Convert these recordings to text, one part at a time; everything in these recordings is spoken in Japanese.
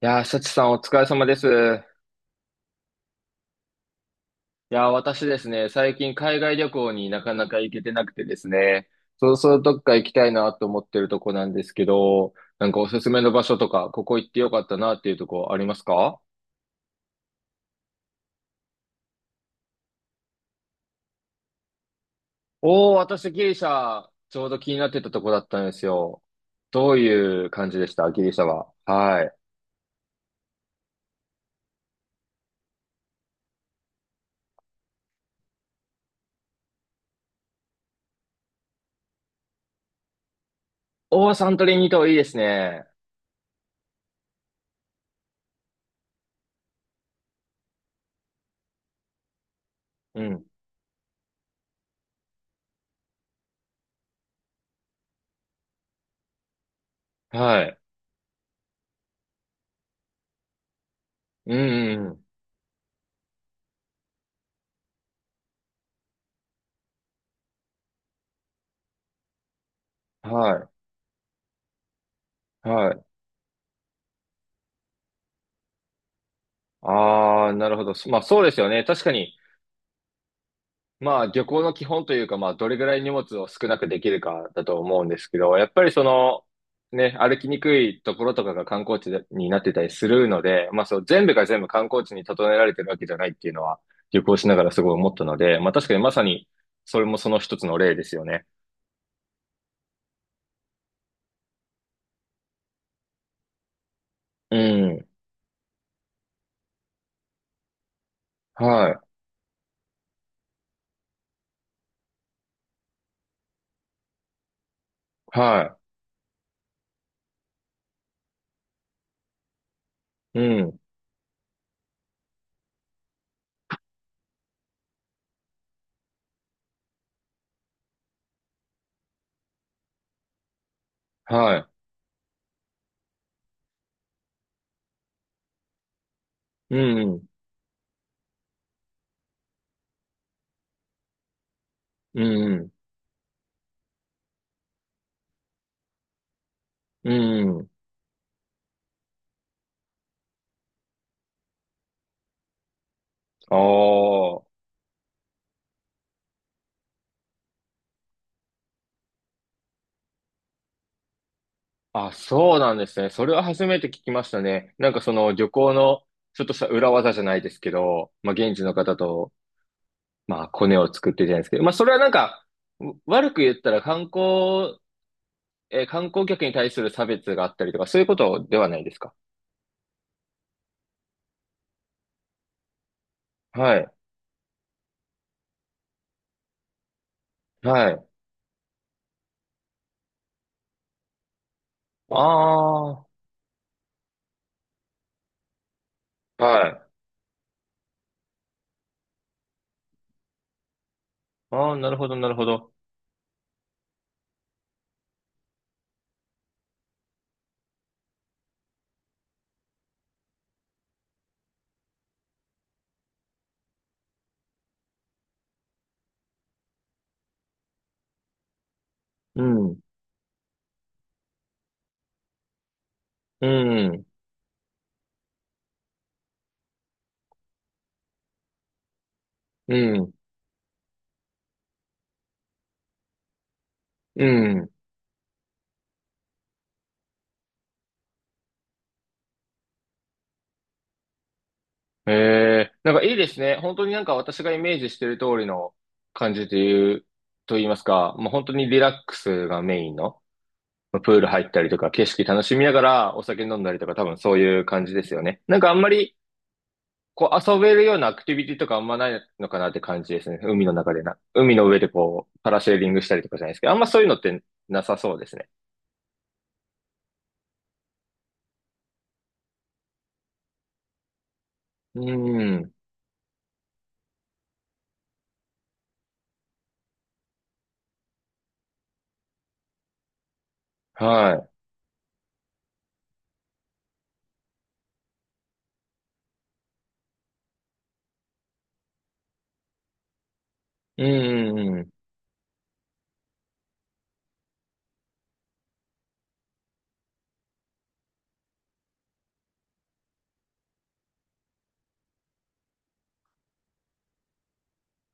幸さんお疲れ様です。私ですね、最近海外旅行になかなか行けてなくてですね、そろそろどっか行きたいなと思ってるとこなんですけど、なんかおすすめの場所とか、ここ行ってよかったなっていうとこありますか？おー、私ギリシャ、ちょうど気になってたとこだったんですよ。どういう感じでしたギリシャは。はい。おー、サントリーニ島いいですね。うん。はい。うん、うんうん。はい。はい。ああ、なるほど。まあそうですよね。確かに、まあ旅行の基本というか、まあどれぐらい荷物を少なくできるかだと思うんですけど、やっぱりその、ね、歩きにくいところとかが観光地でになってたりするので、まあそう、全部が全部観光地に整えられてるわけじゃないっていうのは旅行しながらすごい思ったので、まあ確かにまさにそれもその一つの例ですよね。うん。はい。はい。うん。はい。うん。うん。うん。うん。ああ。あ、そうなんですね。それは初めて聞きましたね。なんかその旅行のちょっとした裏技じゃないですけど、まあ現地の方と、まあコネを作ってじゃないですけど、まあそれはなんか、う悪く言ったら観光、観光客に対する差別があったりとか、そういうことではないですか？はい。はい。ああ、はい。ああ、なるほど、なるほど。うん。うん。うん。うん。ええなんかいいですね。本当になんか私がイメージしてる通りの感じという、と言いますか、もう本当にリラックスがメインの、まあプール入ったりとか、景色楽しみながらお酒飲んだりとか、多分そういう感じですよね。なんかあんまり、こう遊べるようなアクティビティとかあんまないのかなって感じですね。海の中でな。海の上でこう、パラシェーリングしたりとかじゃないですけど、あんまそういうのってなさそうですね。うん。はい。うんうんうん。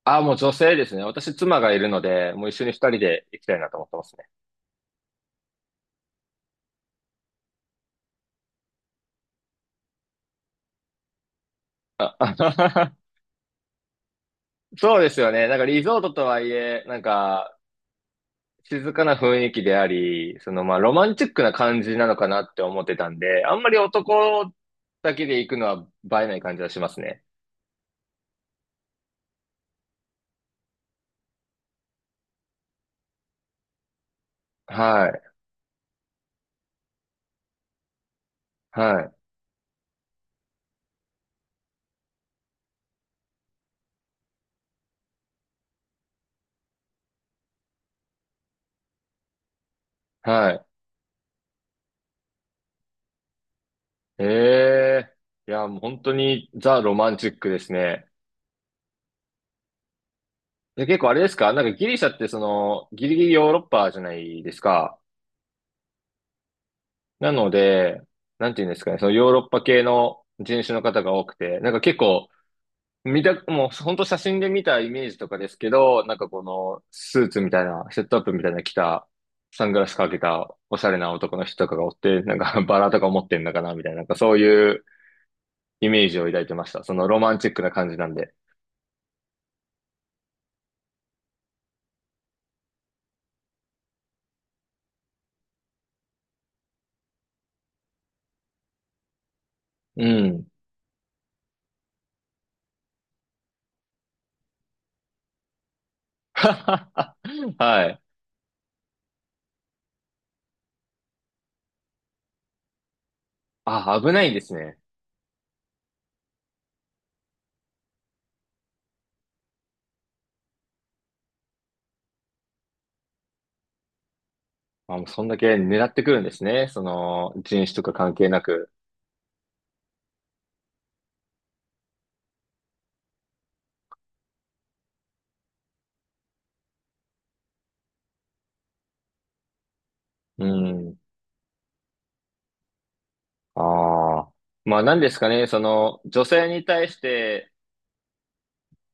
あ、もう女性ですね。私妻がいるので、もう一緒に二人で行きたいなと思ってます。あ、そうですよね。なんかリゾートとはいえ、なんか静かな雰囲気であり、そのまあロマンチックな感じなのかなって思ってたんで、あんまり男だけで行くのは映えない感じはしますね。はい、はい、はい。ええいや、もう本当にザ・ロマンチックですね。で、結構あれですかなんかギリシャってその、ギリギリヨーロッパじゃないですか。なので、なんていうんですかね、そのヨーロッパ系の人種の方が多くて、なんか結構見た、もう本当写真で見たイメージとかですけど、なんかこのスーツみたいな、セットアップみたいな着た、サングラスかけたおしゃれな男の人とかがおって、なんか バラとか持ってんのかなみたいな、なんかそういうイメージを抱いてました。そのロマンチックな感じなんで。うん。はい。あ、危ないんですね。あ、もうそんだけ狙ってくるんですね。その人種とか関係なく。うん。ああ。まあ何ですかね、その女性に対して、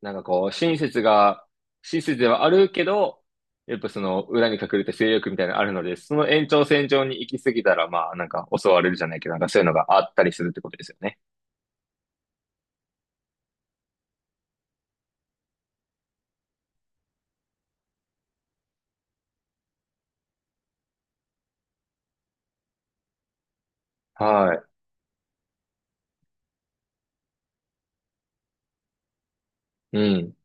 なんかこう、親切が、親切ではあるけど、やっぱその裏に隠れた性欲みたいなのあるので、その延長線上に行き過ぎたら、まあなんか襲われるじゃないけど、なんかそういうのがあったりするってことですよね。はい。うん。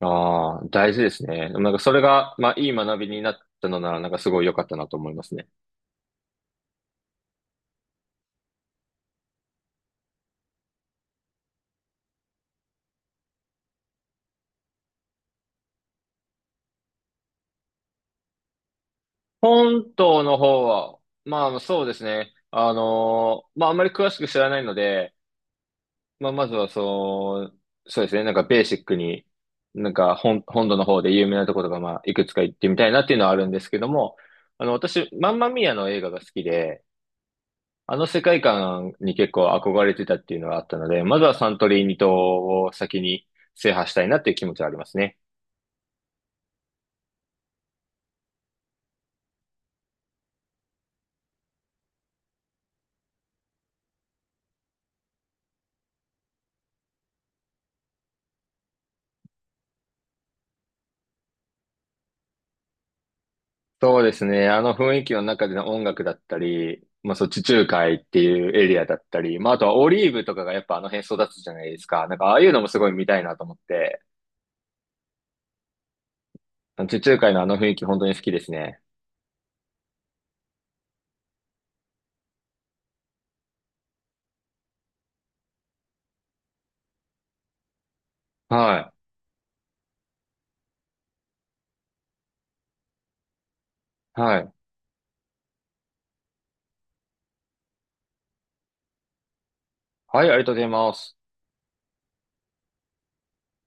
ああ、大事ですね。でもなんかそれが、まあいい学びになったのなら、なんかすごい良かったなと思いますね。本島の方は、まあそうですね。まああんまり詳しく知らないので、まあ、まずは、そう、そうですね。なんかベーシックに、なんか本土の方で有名なところが、まあ、いくつか行ってみたいなっていうのはあるんですけども、あの、私、マンマミアの映画が好きで、あの世界観に結構憧れてたっていうのがあったので、まずはサントリーニ島を先に制覇したいなっていう気持ちはありますね。そうですね。あの雰囲気の中での音楽だったり、まあそう、地中海っていうエリアだったり、まああとはオリーブとかがやっぱあの辺育つじゃないですか。なんかああいうのもすごい見たいなと思って。あの地中海のあの雰囲気本当に好きですね。はい。はい。はい、ありがとうございます。